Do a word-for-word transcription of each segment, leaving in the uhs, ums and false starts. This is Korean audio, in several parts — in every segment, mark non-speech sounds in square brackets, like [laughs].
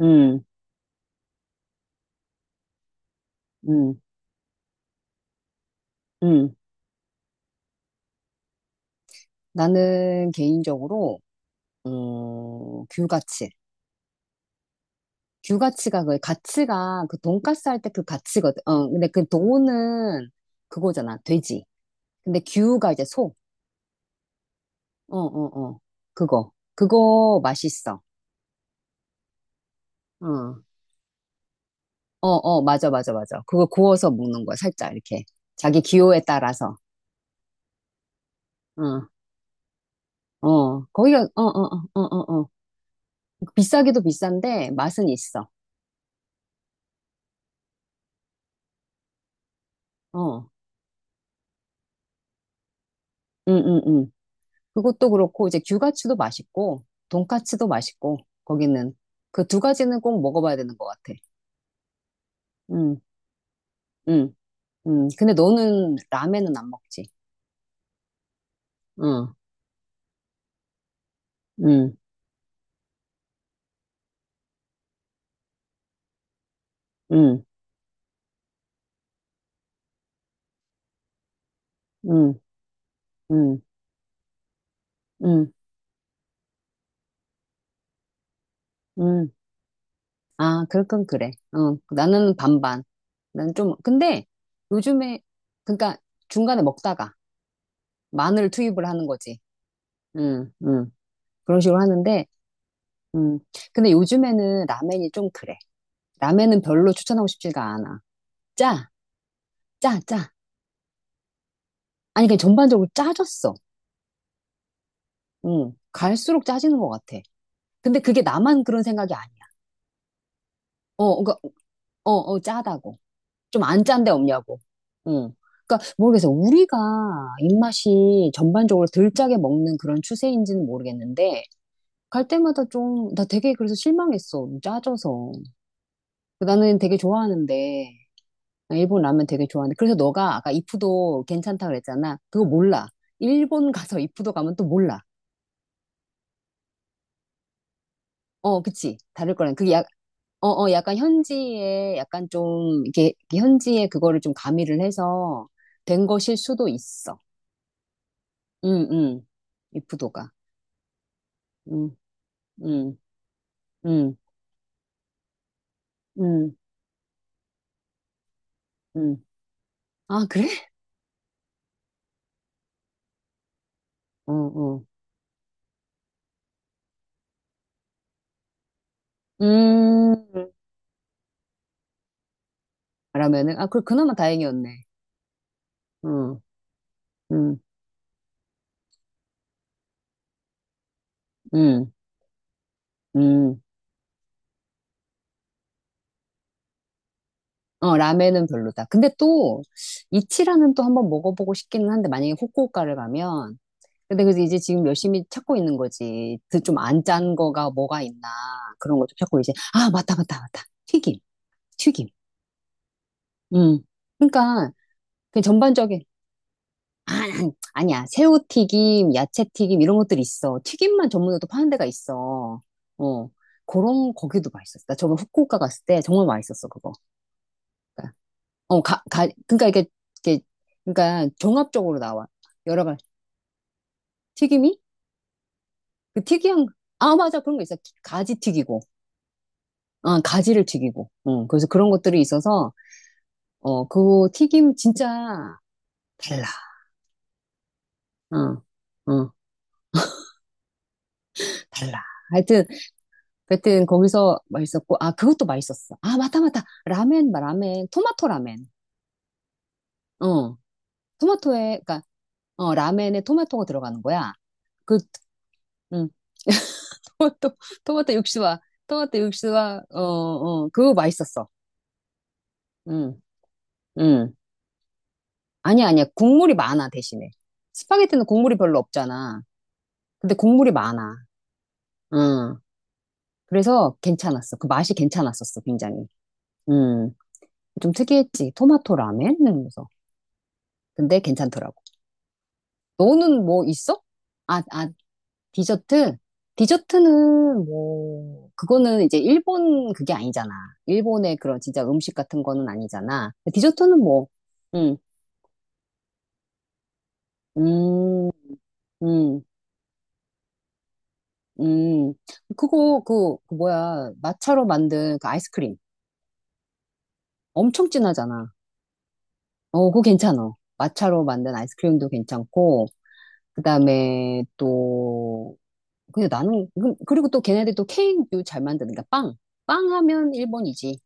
음, 음, 음. 나는 개인적으로, 어, 규가치. 규가치가 그 가치가 그 돈가스 할 때 그 가치거든. 어, 근데 그 돈은 그거잖아. 돼지. 근데 규가 이제 소. 어, 어, 어. 그거. 그거 맛있어. 어, 어, 어. 맞아, 맞아, 맞아. 그거 구워서 먹는 거야. 살짝 이렇게. 자기 기호에 따라서. 어, 어. 거기가, 어, 어, 어, 어, 어. 어. 비싸기도 비싼데 맛은 있어. 어, 응, 응, 응. 그것도 그렇고 이제 규가츠도 맛있고 돈까츠도 맛있고 거기는 그 두 가지는 꼭 먹어봐야 되는 것 같아. 음, 음, 음. 근데 너는 라멘은 안 먹지? 응, 응, 응, 응, 응, 응, 응. 아, 그럴 건 그래. 어, 나는 반반. 난 좀, 근데 요즘에, 그러니까 중간에 먹다가 마늘 투입을 하는 거지. 응, 응. 그런 식으로 하는데, 음. 근데 요즘에는 라멘이 좀 그래. 라멘은 별로 추천하고 싶지가 않아. 짜, 짜, 짜. 아니, 그냥 전반적으로 짜졌어. 응. 갈수록 짜지는 것 같아. 근데 그게 나만 그런 생각이 아니야. 어, 그러니까, 어, 어, 짜다고. 좀 안 짠데 없냐고. 응. 그러니까 모르겠어. 우리가 입맛이 전반적으로 덜 짜게 먹는 그런 추세인지는 모르겠는데, 갈 때마다 좀, 나 되게 그래서 실망했어. 짜져서. 나는 되게 좋아하는데, 나 일본 라면 되게 좋아하는데. 그래서 너가 아까 이푸도 괜찮다 그랬잖아. 그거 몰라. 일본 가서 이푸도 가면 또 몰라. 어, 그치. 다를 거는 그게 약, 어, 어, 약간 현지에 약간 좀 이렇게 이렇게 현지에 그거를 좀 가미를 해서 된 것일 수도 있어. 응, 응. 이프도가. 응, 응, 응, 응, 응. 아, 그래? 어, 어. 음. 라면은 아, 그래 그나마 다행이었네. 응, 응, 응, 응. 어, 라면은 별로다. 근데 또 이치라는 또 한번 먹어보고 싶기는 한데 만약에 후쿠오카를 가면 근데 그래서 이제 지금 열심히 찾고 있는 거지. 그 좀 안 짠 거가 뭐가 있나 그런 것도 찾고 이제 아 맞다 맞다 맞다 튀김 튀김. 음. 그러니까 그 전반적인 아 난- 아니야 새우 튀김 야채 튀김 이런 것들이 있어. 튀김만 전문으로 또 파는 데가 있어. 어 그런 거기도 맛있었어. 나 저번 후쿠오카 갔을 때 정말 맛있었어 그거. 그러니까, 어 가, 가, 그러니까 이게 이게 그러니까 종합적으로 나와 여러 가지 튀김이 그 특이한 아 맞아 그런 거 있어 가지 튀기고 아, 가지를 튀기고. 어, 그래서 그런 것들이 있어서, 어, 그 튀김 진짜 달라. 어, 어, 달라. 하여튼, 하여튼 거기서 맛있었고, 아, 그것도 맛있었어. 아, 맞다, 맞다. 라멘, 라멘. 토마토 라멘. 어, 토마토에, 그니까, 어, 라멘에 토마토가 들어가는 거야. 그, 음, [laughs] 토마토, 토마토 육수와, 토마토 육수와, 어, 어, 그거 맛있었어. 음, 음. 아니야, 아니야. 국물이 많아, 대신에. 스파게티는 국물이 별로 없잖아. 근데 국물이 많아. 응. 그래서 괜찮았어. 그 맛이 괜찮았었어, 굉장히. 음, 좀 특이했지. 토마토 라멘? 이러면서. 근데 괜찮더라고. 너는 뭐 있어? 아, 아, 디저트? 디저트는 뭐, 그거는 이제 일본 그게 아니잖아. 일본의 그런 진짜 음식 같은 거는 아니잖아. 디저트는 뭐, 음, 음, 음, 음. 그거, 그, 그 뭐야, 마차로 만든 그 아이스크림. 엄청 진하잖아. 어, 그거 괜찮아. 마차로 만든 아이스크림도 괜찮고, 그 다음에 또, 근데 나는, 그- 그리고 또 걔네들 또 케이크도 잘 만드니까 빵. 빵 하면 일본이지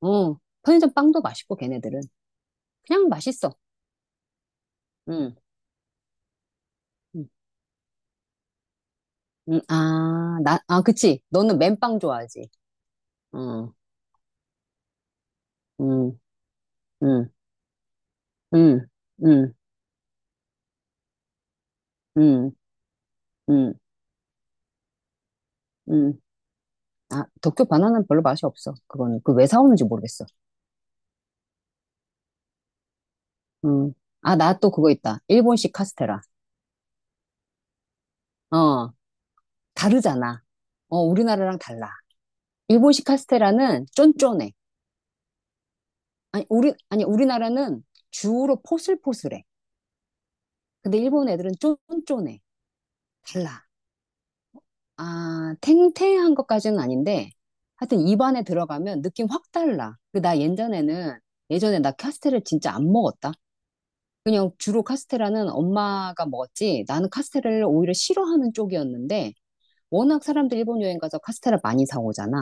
어, 편의점 빵도 맛있고, 걔네들은. 그냥 맛있어. 응, 응, 응. 아, 나, 아, 그치. 너는 맨빵 좋아하지. 응, 응, 응, 응, 응, 응, 응, 응. 아, 도쿄 바나나는 별로 맛이 없어. 그거는. 그 왜 사오는지 모르겠어. 응. 아, 나 또 그거 있다. 일본식 카스테라. 어. 다르잖아. 어, 우리나라랑 달라. 일본식 카스테라는 쫀쫀해. 아니, 우리, 아니, 우리나라는 주로 포슬포슬해. 근데 일본 애들은 쫀쫀해. 달라. 아, 탱탱한 것까지는 아닌데, 하여튼 입안에 들어가면 느낌 확 달라. 그 나 예전에는, 예전에 나 카스테라를 진짜 안 먹었다. 그냥 주로 카스테라는 엄마가 먹었지, 나는 카스테라를 오히려 싫어하는 쪽이었는데, 워낙 사람들 일본 여행 가서 카스테라 많이 사오잖아.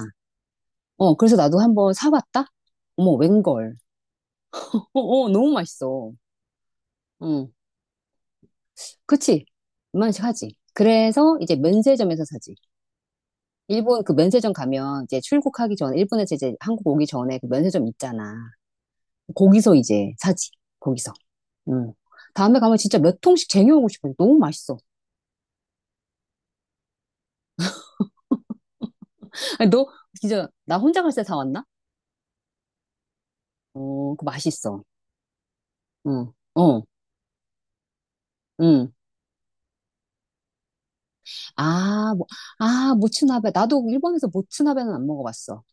어, 그래서 나도 한번 사봤다? 어머, 웬걸. 어, 어, 너무 맛있어. 응. 그치? 이만씩 하지. 그래서 이제 면세점에서 사지. 일본 그 면세점 가면 이제 출국하기 전, 일본에서 이제 한국 오기 전에 그 면세점 있잖아. 거기서 이제 사지. 거기서. 응. 다음에 가면 진짜 몇 통씩 쟁여오고 싶어. 너무 맛있어. 아니, 너 진짜 나 혼자 갈 때 사왔나? 어, 그 맛있어. 응. 어. 응. 아, 뭐, 아, 모츠나베. 나도 일본에서 모츠나베는 안 먹어봤어.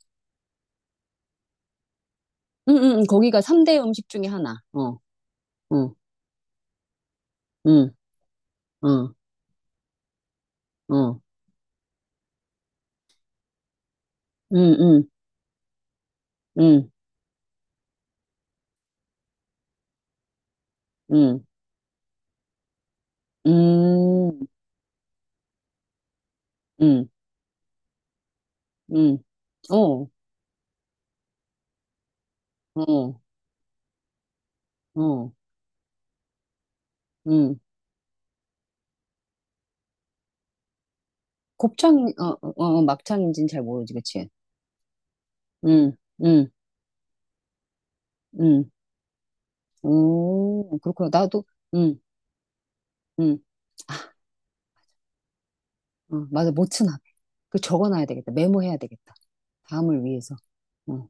응, 응, 응. 거기가 삼 대 음식 중에 하나. 어, 응, 응, 어, 어, 응, 응, 응, 응, 응, 응, 응, 어, 어, 어, 응. 곱창, 어, 어, 어, 막창인지는 잘 모르지, 그치? 응, 응, 응. 오, 그렇구나. 나도, 응, 응. 아, 어, 맞아. 모츠나베. 그 적어놔야 되겠다. 메모해야 되겠다. 다음을 위해서. 어,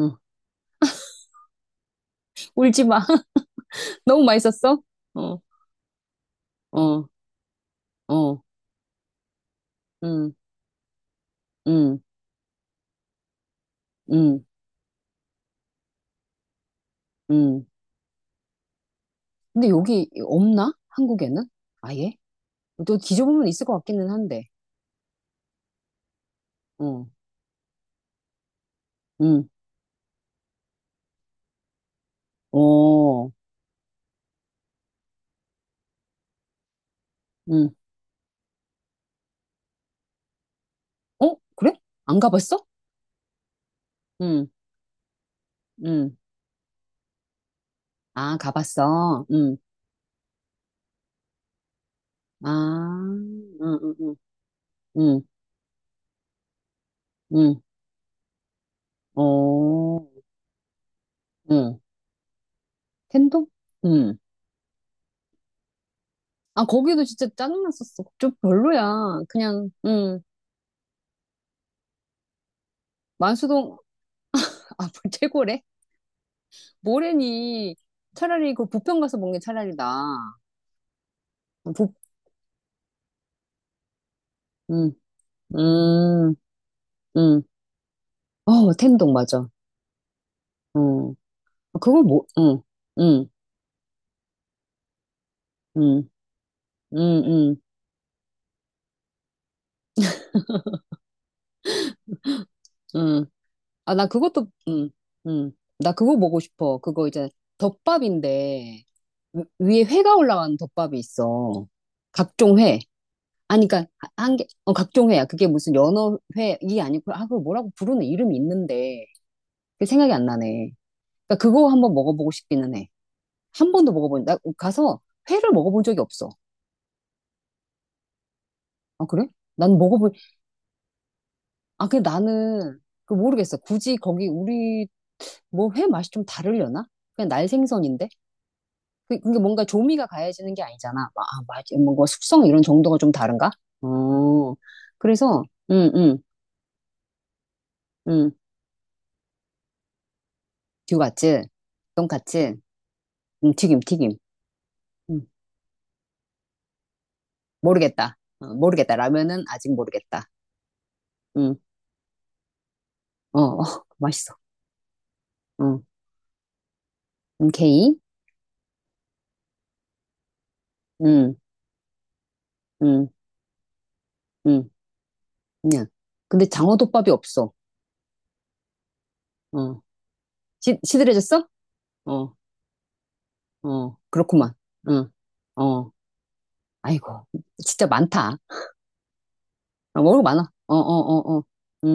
어. 울지 마. [laughs] 너무 맛있었어? 어, 어, 어, 응, 응. 음, 음. 근데 여기 없나? 한국에는? 아예? 또 뒤져보면 있을 것 같기는 한데. 어, 음, 어, 음. 어? 그래? 안 가봤어? 음, 음. 아, 가봤어. 음, 아, 음, 음, 음, 음, 음. 어, 음. 텐동? 음. 아, 거기도 진짜 짜증났었어. 좀 별로야. 그냥, 음. 만수동, 아, [laughs] 최고래? 뭐래니. 차라리 그 부평 가서 먹는 게 차라리 나. 부, 음, 음. 어, 텐동, 맞아. 어. 그거 뭐, 응, 응, 응, 응, 응, 응. 아, 나 그것도, 응, 응. 나 그거 보고 싶어. 그거 이제 덮밥인데, 위- 위에 회가 올라간 덮밥이 있어. 각종 회. 아니, 그니까, 한 개, 어, 각종 회야. 그게 무슨 연어 회, 이 아니고, 아, 그걸 뭐라고 부르는 이름이 있는데, 그게 생각이 안 나네. 그니까 그거 한번 먹어보고 싶기는 해. 한 번도 먹어본, 나 가서 회를 먹어본 적이 없어. 아, 그래? 난 먹어본, 아, 근데 나는 그 모르겠어. 굳이 거기 우리 뭐 회 맛이 좀 다르려나? 그냥 날 생선인데? 그- 그게 뭔가 조미가 가해지는 게 아니잖아. 마- 아, 맛, 뭔가 숙성 이런 정도가 좀 다른가? 어, 그래서, 응, 응, 응. 규같지? 돈같지? 응, 튀김, 튀김. 응, 모르겠다. 어, 모르겠다. 라면은 아직 모르겠다. 응, 어, 어, [laughs] 맛있어. 어. 응, 응, 게이? 응, 응, 응, 그냥. 근데 장어덮밥이 없어. 어, 시, 시들해졌어? 어. 어, 그렇구만. 응, 어, 아이고, 진짜 많다. 어, 모르고 많아. 어, 어, 어, 어. 음.